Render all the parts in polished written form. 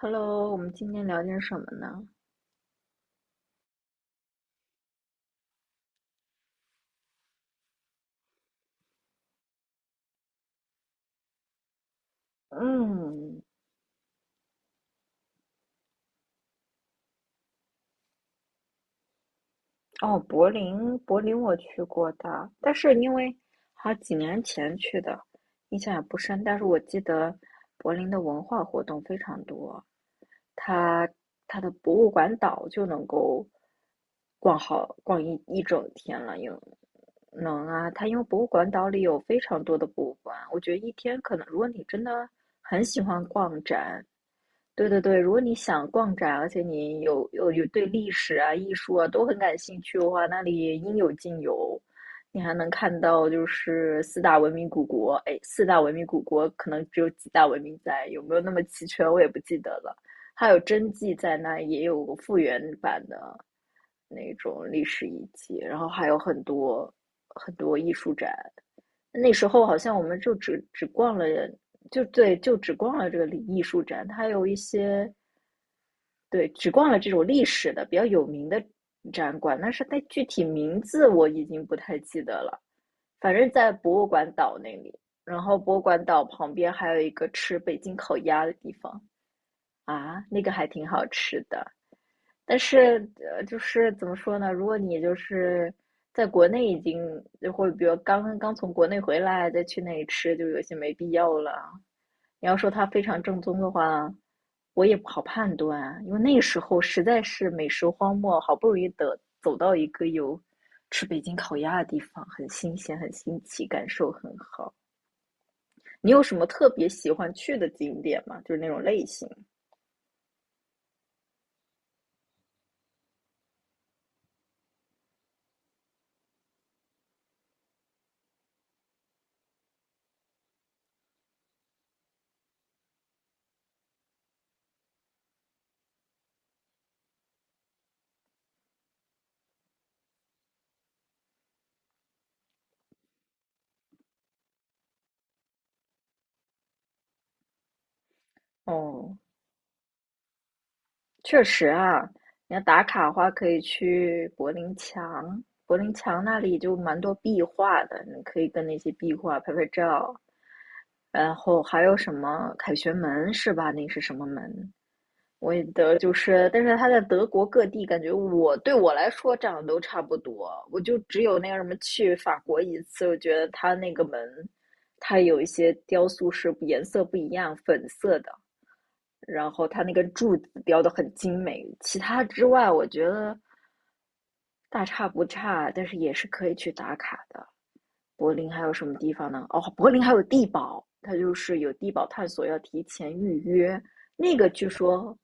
Hello，我们今天聊点什么呢？嗯，哦，柏林我去过的，但是因为好几年前去的，印象也不深。但是我记得柏林的文化活动非常多，它它的博物馆岛就能够逛一整天了，能啊，它因为博物馆岛里有非常多的博物馆，我觉得一天可能，如果你真的很喜欢逛展，对对对，如果你想逛展，而且你有对历史啊、艺术啊都很感兴趣的话，那里应有尽有。你还能看到就是四大文明古国，哎，四大文明古国可能只有几大文明在，有没有那么齐全我也不记得了。还有真迹在那，也有个复原版的那种历史遗迹，然后还有很多很多艺术展。那时候好像我们就只逛了，就对，就只逛了这个艺术展，它有一些对，只逛了这种历史的比较有名的展馆，但是它具体名字我已经不太记得了，反正在博物馆岛那里。然后博物馆岛旁边还有一个吃北京烤鸭的地方啊，那个还挺好吃的。但是，就是怎么说呢？如果你就是在国内已经，就会比如刚刚从国内回来，再去那里吃，就有些没必要了。你要说它非常正宗的话，我也不好判断啊，因为那时候实在是美食荒漠，好不容易的走到一个有吃北京烤鸭的地方，很新鲜，很新奇，感受很好。你有什么特别喜欢去的景点吗？就是那种类型。哦，确实啊，你要打卡的话，可以去柏林墙，柏林墙那里就蛮多壁画的，你可以跟那些壁画拍拍照。然后还有什么凯旋门是吧？那是什么门？我也得就是，但是它在德国各地，感觉我对我来说长得都差不多。我就只有那个什么去法国一次，我觉得它那个门，它有一些雕塑是颜色不一样，粉色的。然后它那个柱子雕得很精美。其他之外，我觉得大差不差，但是也是可以去打卡的。柏林还有什么地方呢？哦，柏林还有地堡，它就是有地堡探索，要提前预约。那个据说，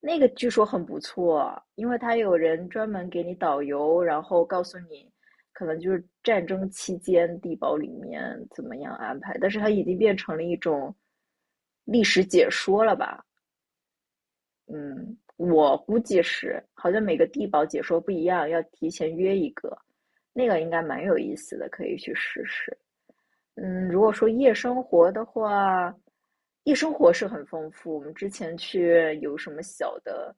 那个据说很不错，因为它有人专门给你导游，然后告诉你，可能就是战争期间地堡里面怎么样安排。但是它已经变成了一种历史解说了吧？嗯，我估计是，好像每个地堡解说不一样，要提前约一个，那个应该蛮有意思的，可以去试试。嗯，如果说夜生活的话，夜生活是很丰富。我们之前去有什么小的、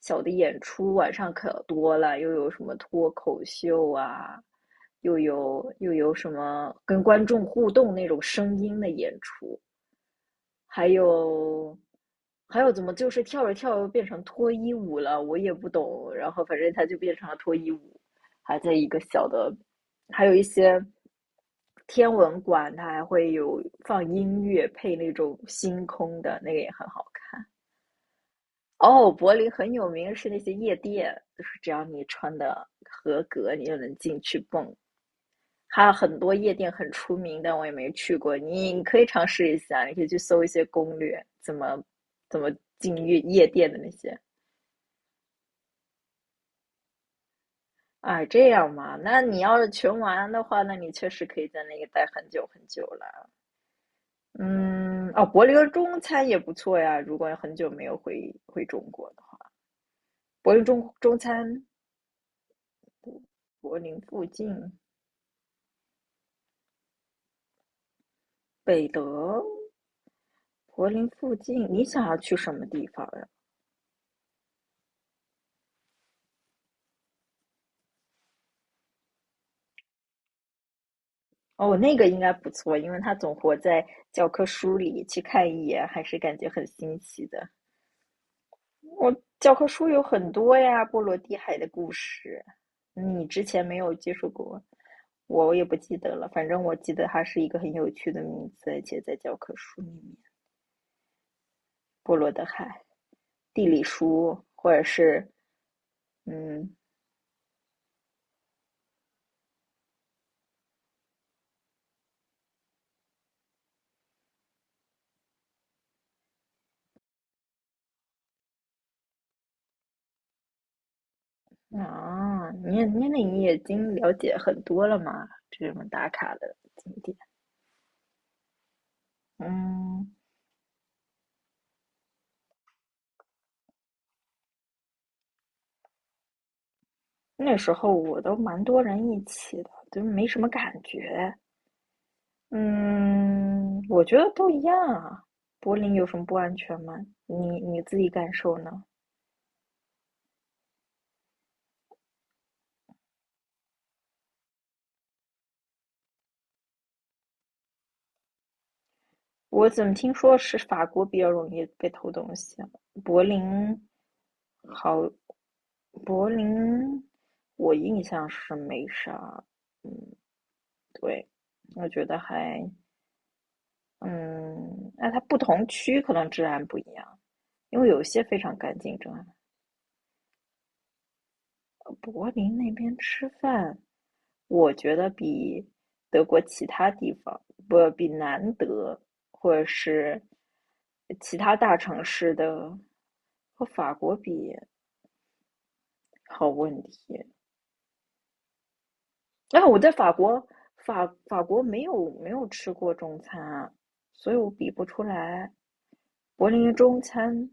小的演出，晚上可多了，又有什么脱口秀啊，又有什么跟观众互动那种声音的演出，还有还有怎么就是跳着跳着变成脱衣舞了，我也不懂。然后反正它就变成了脱衣舞，还在一个小的，还有一些天文馆，它还会有放音乐配那种星空的，那个也很好看。哦，柏林很有名是那些夜店，就是只要你穿的合格，你就能进去蹦。还有很多夜店很出名，但我也没去过。你可以尝试一下，你可以去搜一些攻略，怎么进夜店的那些。啊，这样嘛？那你要是全玩的话，那你确实可以在那个待很久很久了。嗯，哦，柏林中餐也不错呀。如果很久没有回中国的话，柏林中餐，柏林附近，北德，柏林附近，你想要去什么地方呀？哦，那个应该不错，因为它总活在教科书里，去看一眼还是感觉很新奇的。我教科书有很多呀，波罗的海的故事，你之前没有接触过，我也不记得了。反正我记得它是一个很有趣的名字，而且在教科书里面，波罗的海、地理书，或者是嗯啊，你也你那你已经了解很多了嘛？这种打卡的景点，嗯。那时候我都蛮多人一起的，就是没什么感觉。嗯，我觉得都一样啊。柏林有什么不安全吗？你自己感受呢？我怎么听说是法国比较容易被偷东西啊？柏林好，柏林我印象是没啥。嗯，对，我觉得还嗯，那它不同区可能治安不一样，因为有些非常干净，治安。柏林那边吃饭，我觉得比德国其他地方，不，比南德或者是其他大城市的和法国比，好问题。啊，我在法国，法国没有吃过中餐啊，所以我比不出来。柏林的中餐，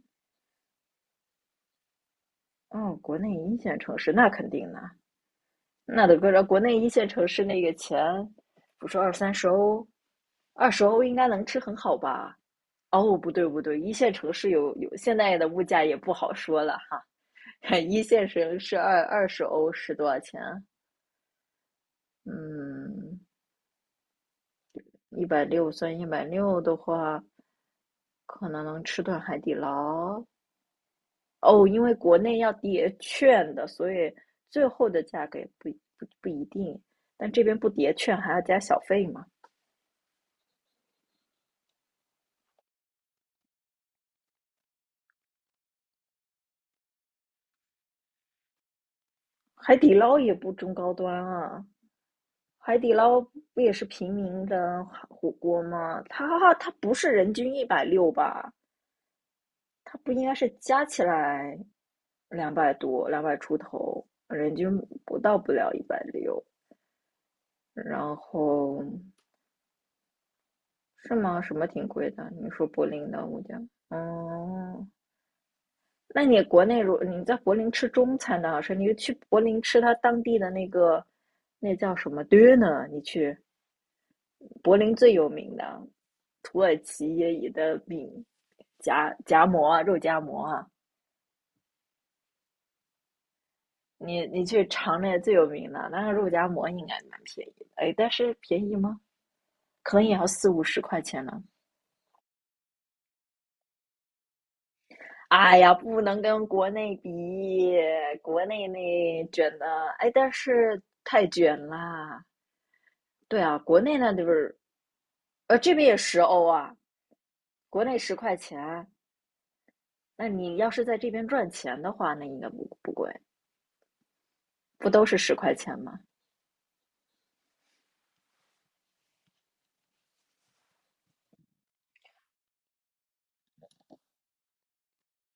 嗯，国内一线城市那肯定的。那得搁着国内一线城市那个钱，不说二三十欧，二十欧应该能吃很好吧？哦，不对不对，一线城市现在的物价也不好说了哈。一线城市二十欧是多少钱？嗯，一百六算一百六的话，可能能吃顿海底捞。哦，因为国内要叠券的，所以最后的价格也不一定。但这边不叠券还要加小费嘛？海底捞也不中高端啊，海底捞不也是平民的火锅吗？它不是人均一百六吧？它不应该是加起来200多、200出头，人均不了一百六。然后是吗？什么挺贵的？你说柏林的物价？哦，那你国内如你在柏林吃中餐的好吃，你去柏林吃它当地的那个那叫什么 döner，你去。柏林最有名的土耳其也有的饼，夹夹馍啊肉夹馍啊，你去尝那最有名的，那个肉夹馍应该蛮便宜的，哎，但是便宜吗？可能也要40-50块钱呢。哎呀，不能跟国内比，国内那卷的，哎，但是太卷啦。对啊，国内那就是，这边也十欧啊，国内十块钱，那你要是在这边赚钱的话，那应该不贵，不都是十块钱吗？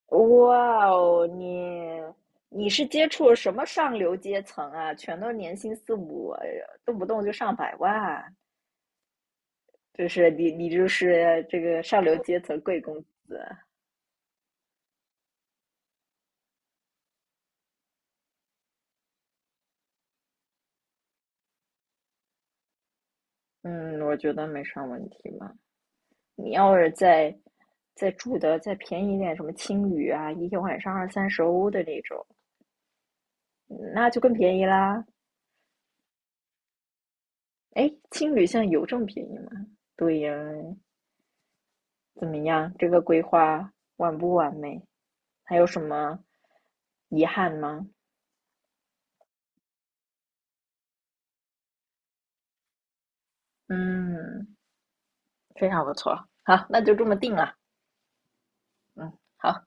哇哦，你是接触什么上流阶层啊？全都年薪四五，哎呀动不动就上百万，就是你就是这个上流阶层贵公子。嗯，我觉得没啥问题嘛。你要是再住的再便宜一点，什么青旅啊，一个晚上二三十欧的那种，那就更便宜啦。哎，青旅现在有这么便宜吗？对呀，怎么样？这个规划完不完美？还有什么遗憾吗？嗯，非常不错。好，那就这么定了。嗯，好。